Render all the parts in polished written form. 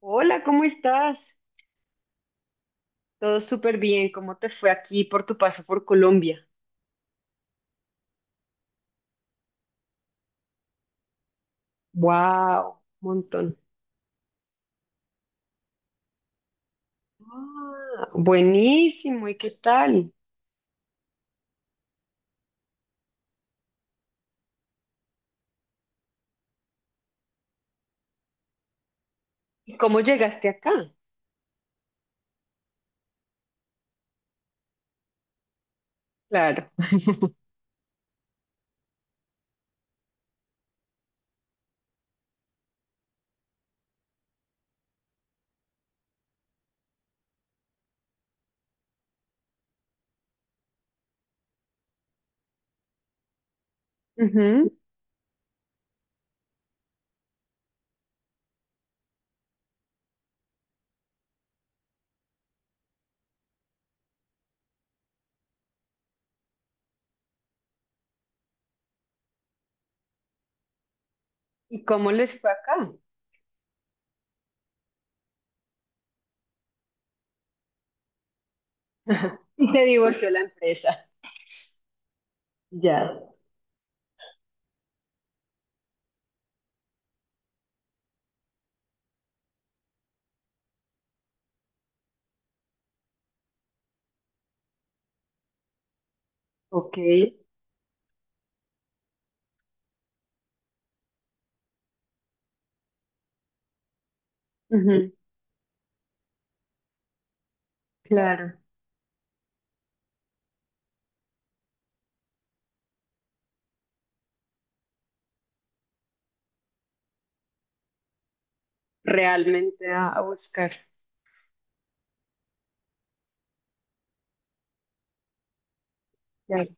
Hola, ¿cómo estás? Todo súper bien. ¿Cómo te fue aquí por tu paso por Colombia? Wow, montón. Ah, buenísimo. ¿Y qué tal? ¿Y cómo llegaste acá? Claro. Ujú. ¿Y cómo les fue acá? Y se divorció la empresa. Ya. Ok. Ujú, claro. Realmente a buscar. Claro.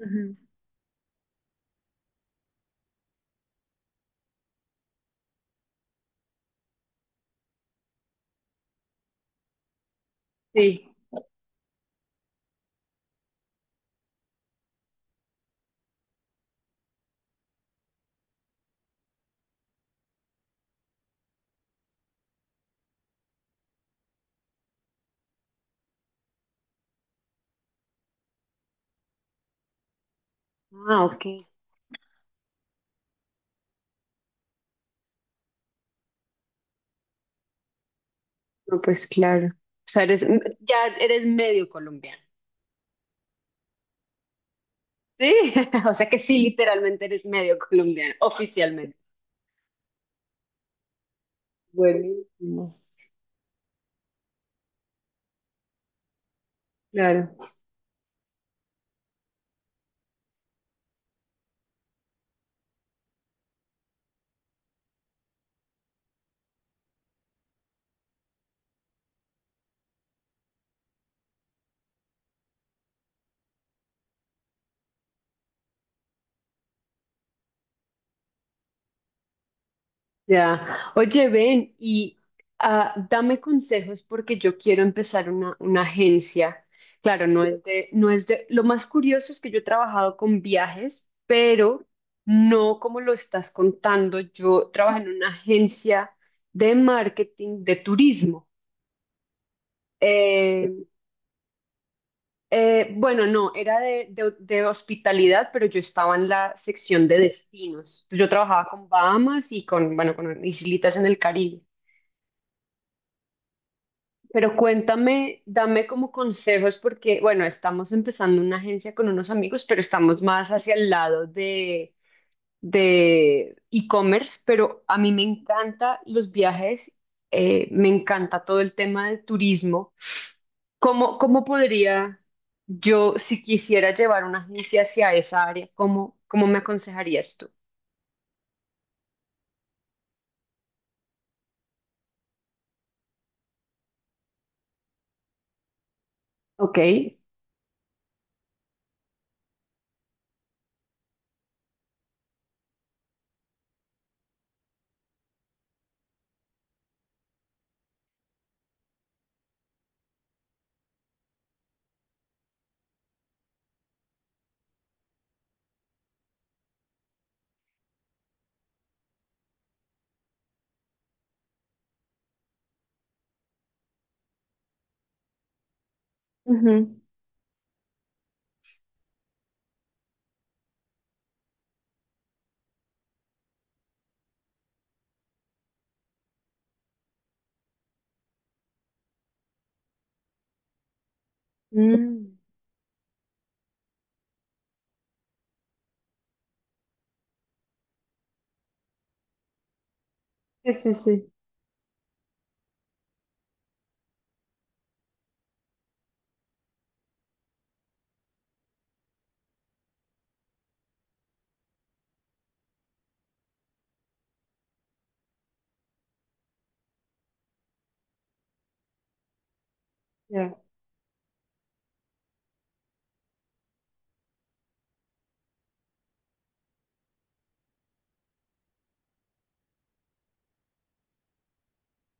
Ujú. Sí. Ah, ok. No, pues claro. O sea, eres, ya eres medio colombiano. Sí, o sea que sí, literalmente eres medio colombiano, oficialmente. Buenísimo, claro, ya. Oye, ven y dame consejos porque yo quiero empezar una agencia. Claro, no es de, no es de, lo más curioso es que yo he trabajado con viajes, pero no como lo estás contando. Yo trabajé en una agencia de marketing de turismo. Eh, bueno, no, era de hospitalidad, pero yo estaba en la sección de destinos. Yo trabajaba con Bahamas y con, bueno, con islitas en el Caribe. Pero cuéntame, dame como consejos porque, bueno, estamos empezando una agencia con unos amigos, pero estamos más hacia el lado de e-commerce, pero a mí me encanta los viajes, me encanta todo el tema del turismo. ¿Cómo podría yo, si quisiera llevar una agencia hacia esa área, cómo me aconsejarías tú? Ok. Ujú. Mm. Sí, sí, sí. Ya.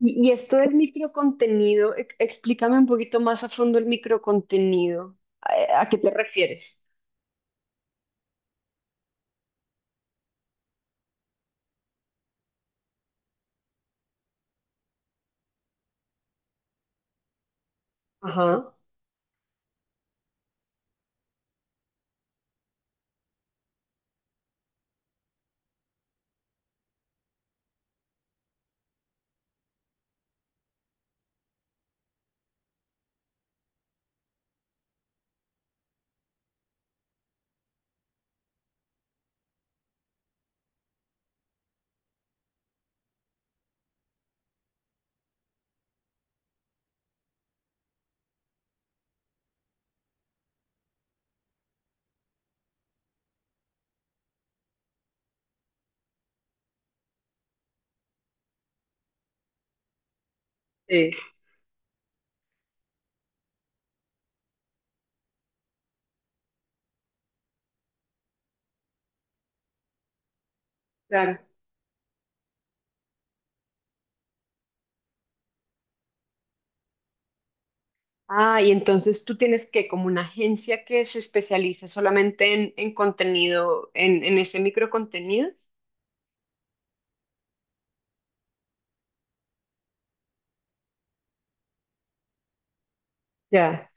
Y esto del microcontenido, explícame un poquito más a fondo el microcontenido. ¿A qué te refieres? Ajá. Sí, claro. Ah, y entonces tú tienes que, como una agencia que se especializa solamente en contenido, en ese microcontenido. Ya,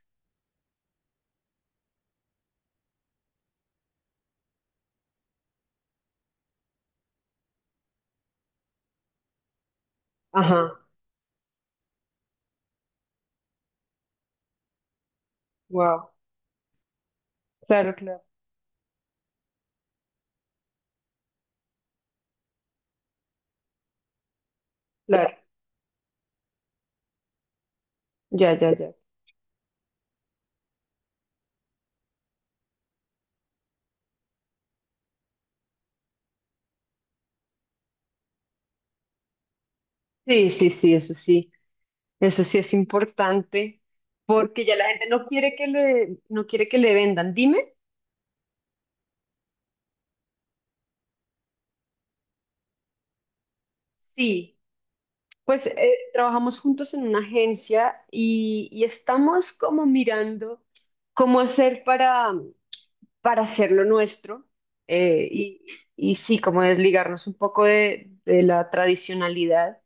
ajá, wow, claro, claro, claro, ya, ya, ya. Sí, sí, sí, eso sí, eso sí es importante, porque ya la gente no quiere que le, no quiere que le vendan. Dime, sí, pues trabajamos juntos en una agencia y estamos como mirando cómo hacer para hacerlo nuestro eh, y, y sí, como desligarnos un poco de la tradicionalidad.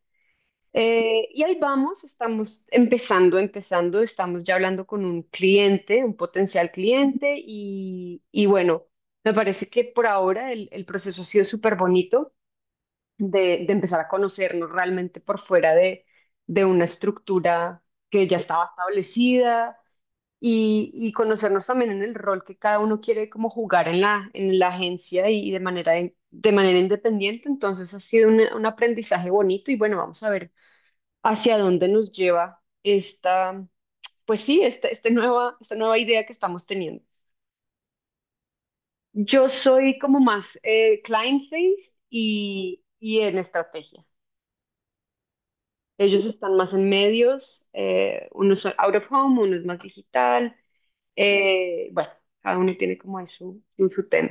Y ahí vamos, estamos empezando, estamos ya hablando con un cliente, un potencial cliente y bueno, me parece que por ahora el proceso ha sido súper bonito de empezar a conocernos realmente por fuera de una estructura que ya estaba establecida y conocernos también en el rol que cada uno quiere como jugar en la agencia y de manera independiente. Entonces ha sido un aprendizaje bonito y bueno, vamos a ver hacia dónde nos lleva esta, pues sí, esta, nueva, esta nueva idea que estamos teniendo. Yo soy como más client face y en estrategia. Ellos están más en medios, unos son out of home, uno es más digital. Bueno, cada uno tiene como ahí su, su tema.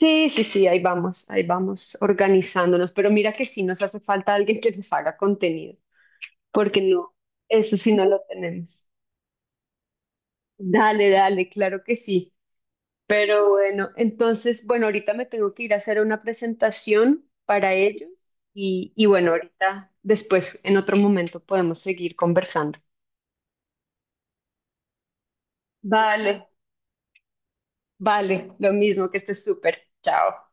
Sí, sí, sí, ahí vamos organizándonos, pero mira que sí nos hace falta alguien que les haga contenido, porque no, eso sí no lo tenemos. Dale, dale, claro que sí. Pero bueno, entonces, bueno, ahorita me tengo que ir a hacer una presentación para ellos y bueno, ahorita después, en otro momento, podemos seguir conversando. Vale, vale, lo mismo, que estés súper. Chao.